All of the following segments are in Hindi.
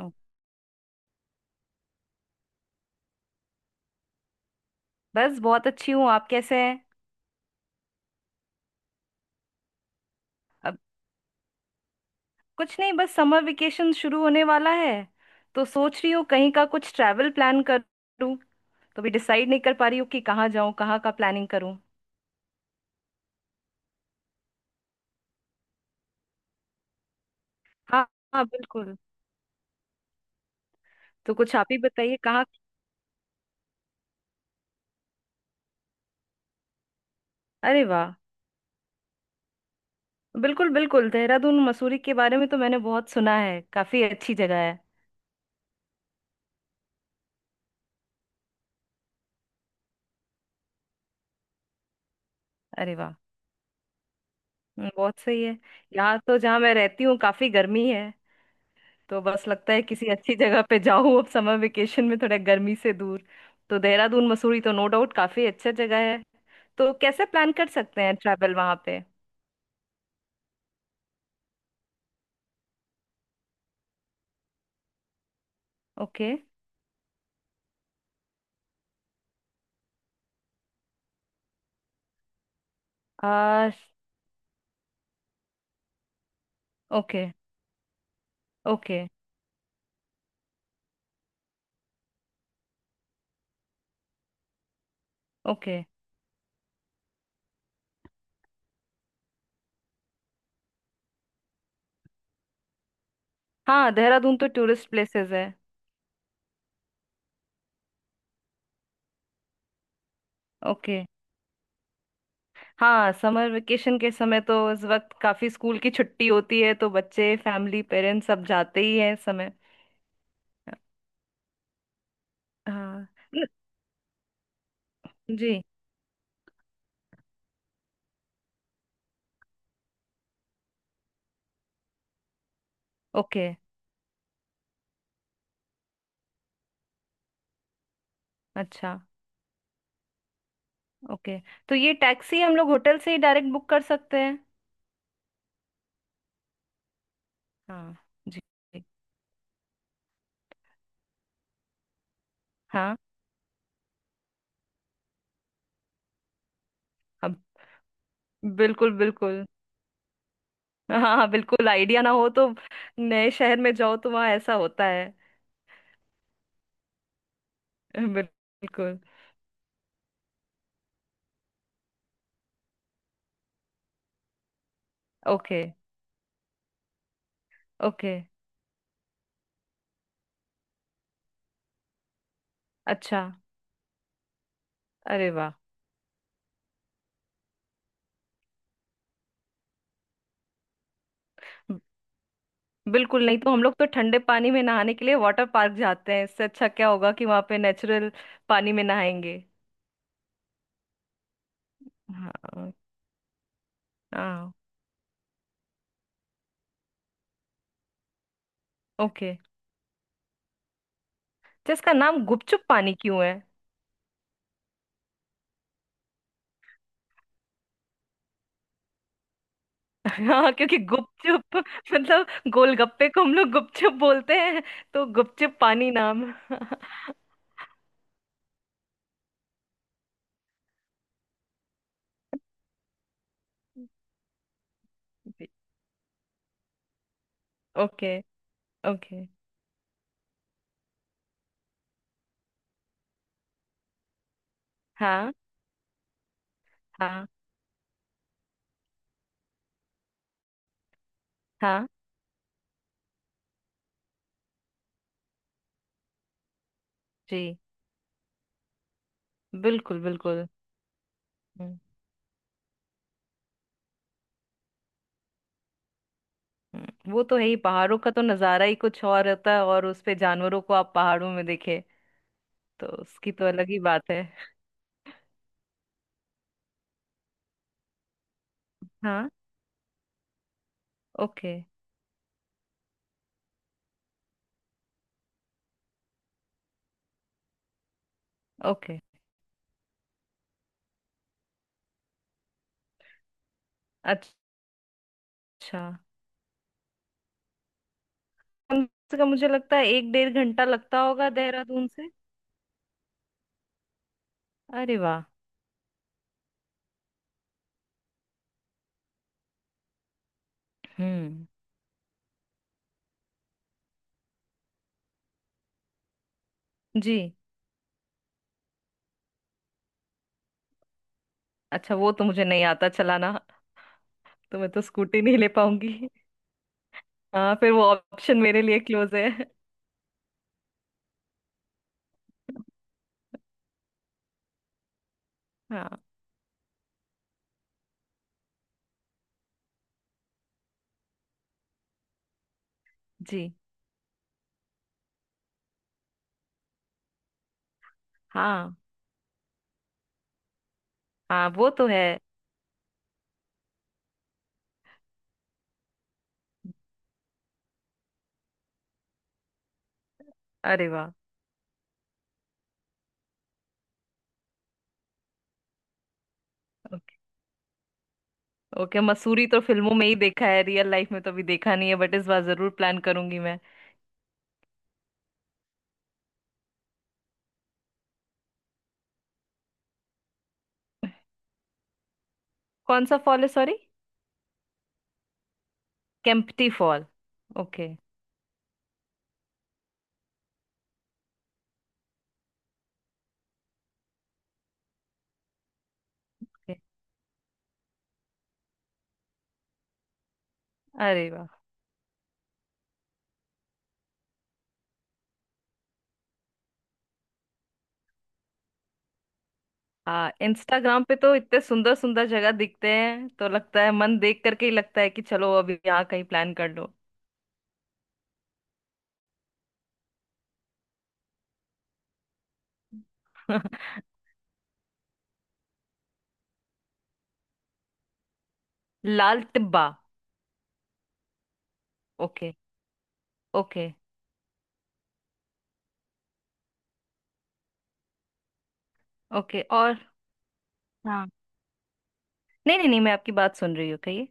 ओ। बस बहुत अच्छी हूँ, आप कैसे हैं। अब कुछ नहीं, बस समर वेकेशन शुरू होने वाला है। तो सोच रही हूँ कहीं का कुछ ट्रैवल प्लान करूँ। तो भी डिसाइड नहीं कर पा रही हूँ कि कहाँ जाऊँ, कहाँ का प्लानिंग करूँ। हाँ हाँ, बिल्कुल। तो कुछ आप ही बताइए कहाँ। अरे वाह, बिल्कुल बिल्कुल, देहरादून मसूरी के बारे में तो मैंने बहुत सुना है, काफी अच्छी जगह है। अरे वाह। बहुत सही है। यहाँ तो जहाँ मैं रहती हूँ काफी गर्मी है। तो बस लगता है किसी अच्छी जगह पे जाओ, अब समर वेकेशन में थोड़ा गर्मी से दूर। तो देहरादून मसूरी तो नो डाउट काफी अच्छा जगह है। तो कैसे प्लान कर सकते हैं ट्रैवल वहां पे। ओके। आ। ओके। ओके। ओके। हाँ, देहरादून तो टूरिस्ट प्लेसेस है। ओके। हाँ, समर वेकेशन के समय तो इस वक्त काफी स्कूल की छुट्टी होती है, तो बच्चे फैमिली पेरेंट्स सब जाते ही हैं इस समय। हाँ। न- जी। ओके। अच्छा। ओके। तो ये टैक्सी हम लोग होटल से ही डायरेक्ट बुक कर सकते हैं। हाँ। जी। जी। हाँ। अब। बिल्कुल बिल्कुल। हाँ हाँ, बिल्कुल आइडिया ना हो तो नए शहर में जाओ तो वहाँ ऐसा होता है। बिल्कुल। ओके। ओके। अच्छा। अरे वाह। ब- बिल्कुल। नहीं तो हम लोग तो ठंडे पानी में नहाने के लिए वाटर पार्क जाते हैं, इससे अच्छा क्या होगा कि वहाँ पे नेचुरल पानी में नहाएंगे। हाँ। हाँ। ओके। तो इसका नाम गुपचुप पानी क्यों है। हाँ, क्योंकि गुपचुप मतलब गोलगप्पे को हम लोग गुपचुप बोलते हैं, तो गुपचुप पानी नाम। जी। ओके। ओके। हाँ। हाँ। हाँ। जी। बिल्कुल बिल्कुल। हम्म। वो तो है ही, पहाड़ों का तो नज़ारा ही कुछ और होता है, और उस पे जानवरों को आप पहाड़ों में देखे तो उसकी तो अलग ही बात है। हाँ। ओके। ओके। अच्छा। कम से कम मुझे लगता है एक डेढ़ घंटा लगता होगा देहरादून से। अरे वाह। हम्म। जी। अच्छा, वो तो मुझे नहीं आता चलाना। तो मैं तो स्कूटी नहीं ले पाऊंगी, हाँ फिर वो ऑप्शन मेरे लिए क्लोज है। हाँ। जी। हाँ। हाँ, वो तो है। अरे वाह। ओके। ओके, मसूरी तो फिल्मों में ही देखा है, रियल लाइफ में तो अभी देखा नहीं है, बट इस बार जरूर प्लान करूंगी मैं। कौन सा फॉल है, sorry. Kempty fall. Okay. Okay. अरे वाह। हाँ, इंस्टाग्राम पे तो इतने सुंदर सुंदर जगह दिखते हैं, तो लगता है मन देख करके ही लगता है कि चलो अभी यहाँ कहीं प्लान कर लो। लाल टिब्बा। ओके। ओके। ओके और। हाँ। नहीं नहीं नहीं, मैं आपकी बात सुन रही हूँ, कहिए।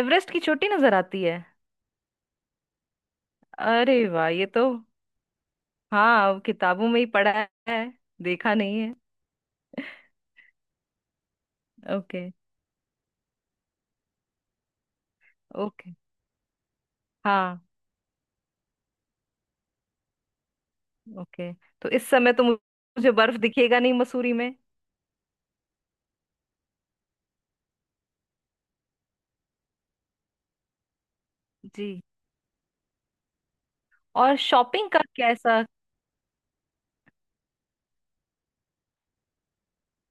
एवरेस्ट की चोटी नजर आती है। अरे वाह, ये तो। हाँ, अब किताबों में ही पढ़ा है, देखा नहीं है। ओके। ओके। हाँ। ओके, तो इस समय तो मुझे बर्फ दिखेगा नहीं मसूरी में। जी। और शॉपिंग का कैसा।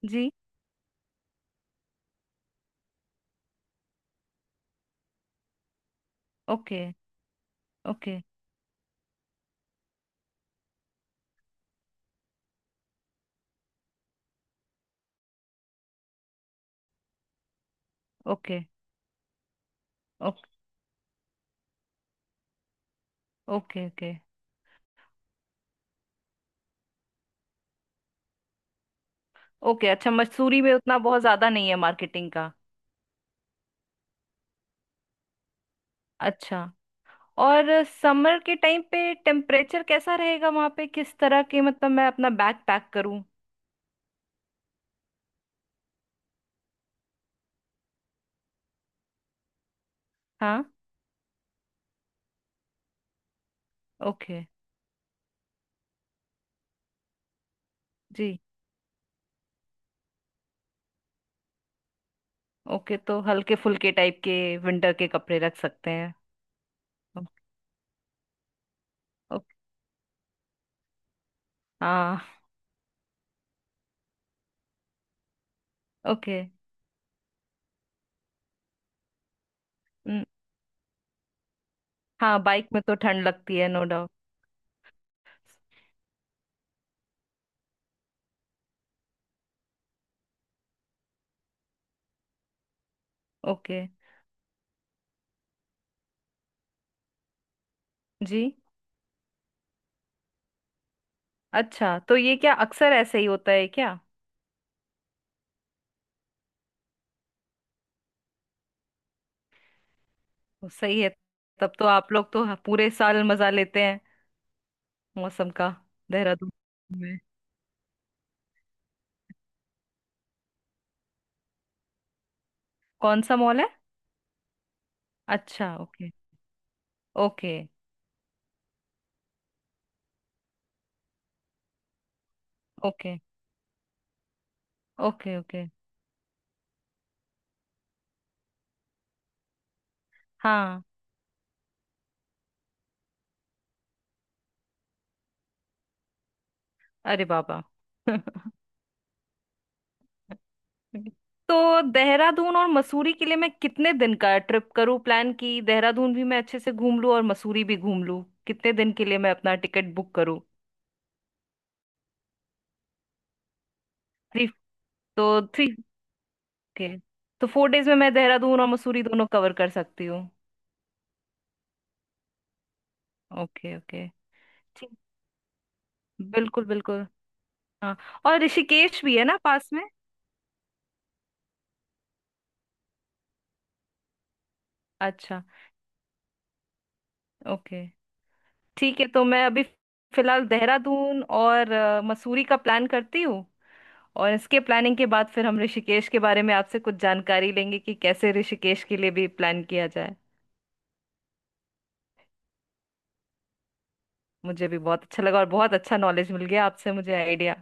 जी। Okay. Okay. Okay. Okay. Okay. Okay. Okay, अच्छा मसूरी में उतना बहुत ज्यादा नहीं है मार्केटिंग का। अच्छा। और समर के टाइम पे टेम्परेचर कैसा रहेगा वहां पे, किस तरह के मतलब मैं अपना बैग पैक करूं। हाँ। ओके। जी। ओके, तो हल्के फुल्के टाइप के विंटर के कपड़े रख सकते हैं। ओके। ओके। हाँ। ओके। हम्म, हाँ बाइक में तो ठंड लगती है नो डाउट। ओके। जी। अच्छा, तो ये क्या अक्सर ऐसे ही होता है क्या। ओ, सही है। तब तो आप लोग तो पूरे साल मजा लेते हैं मौसम का, देहरादून में। कौन सा मॉल है। अच्छा, okay. Okay. Okay. Okay. Okay. हाँ। अरे बाबा। तो देहरादून और मसूरी के लिए मैं कितने दिन का ट्रिप करूँ प्लान की, देहरादून भी मैं अच्छे से घूम लूँ और मसूरी भी घूम लूँ, कितने दिन के लिए मैं अपना टिकट बुक करूँ। 3। तो 3। ओके, तो 4 डेज में मैं देहरादून और मसूरी दोनों कवर कर सकती हूँ। ओके। ओके। ठीक। बिल्कुल बिल्कुल। हाँ, और ऋषिकेश भी है ना पास में। अच्छा। ओके। ठीक है, तो मैं अभी फिलहाल देहरादून और मसूरी का प्लान करती हूँ, और इसके प्लानिंग के बाद फिर हम ऋषिकेश के बारे में आपसे कुछ जानकारी लेंगे कि कैसे ऋषिकेश के लिए भी प्लान किया जाए। मुझे भी बहुत अच्छा लगा और बहुत अच्छा नॉलेज मिल गया आपसे मुझे, आइडिया।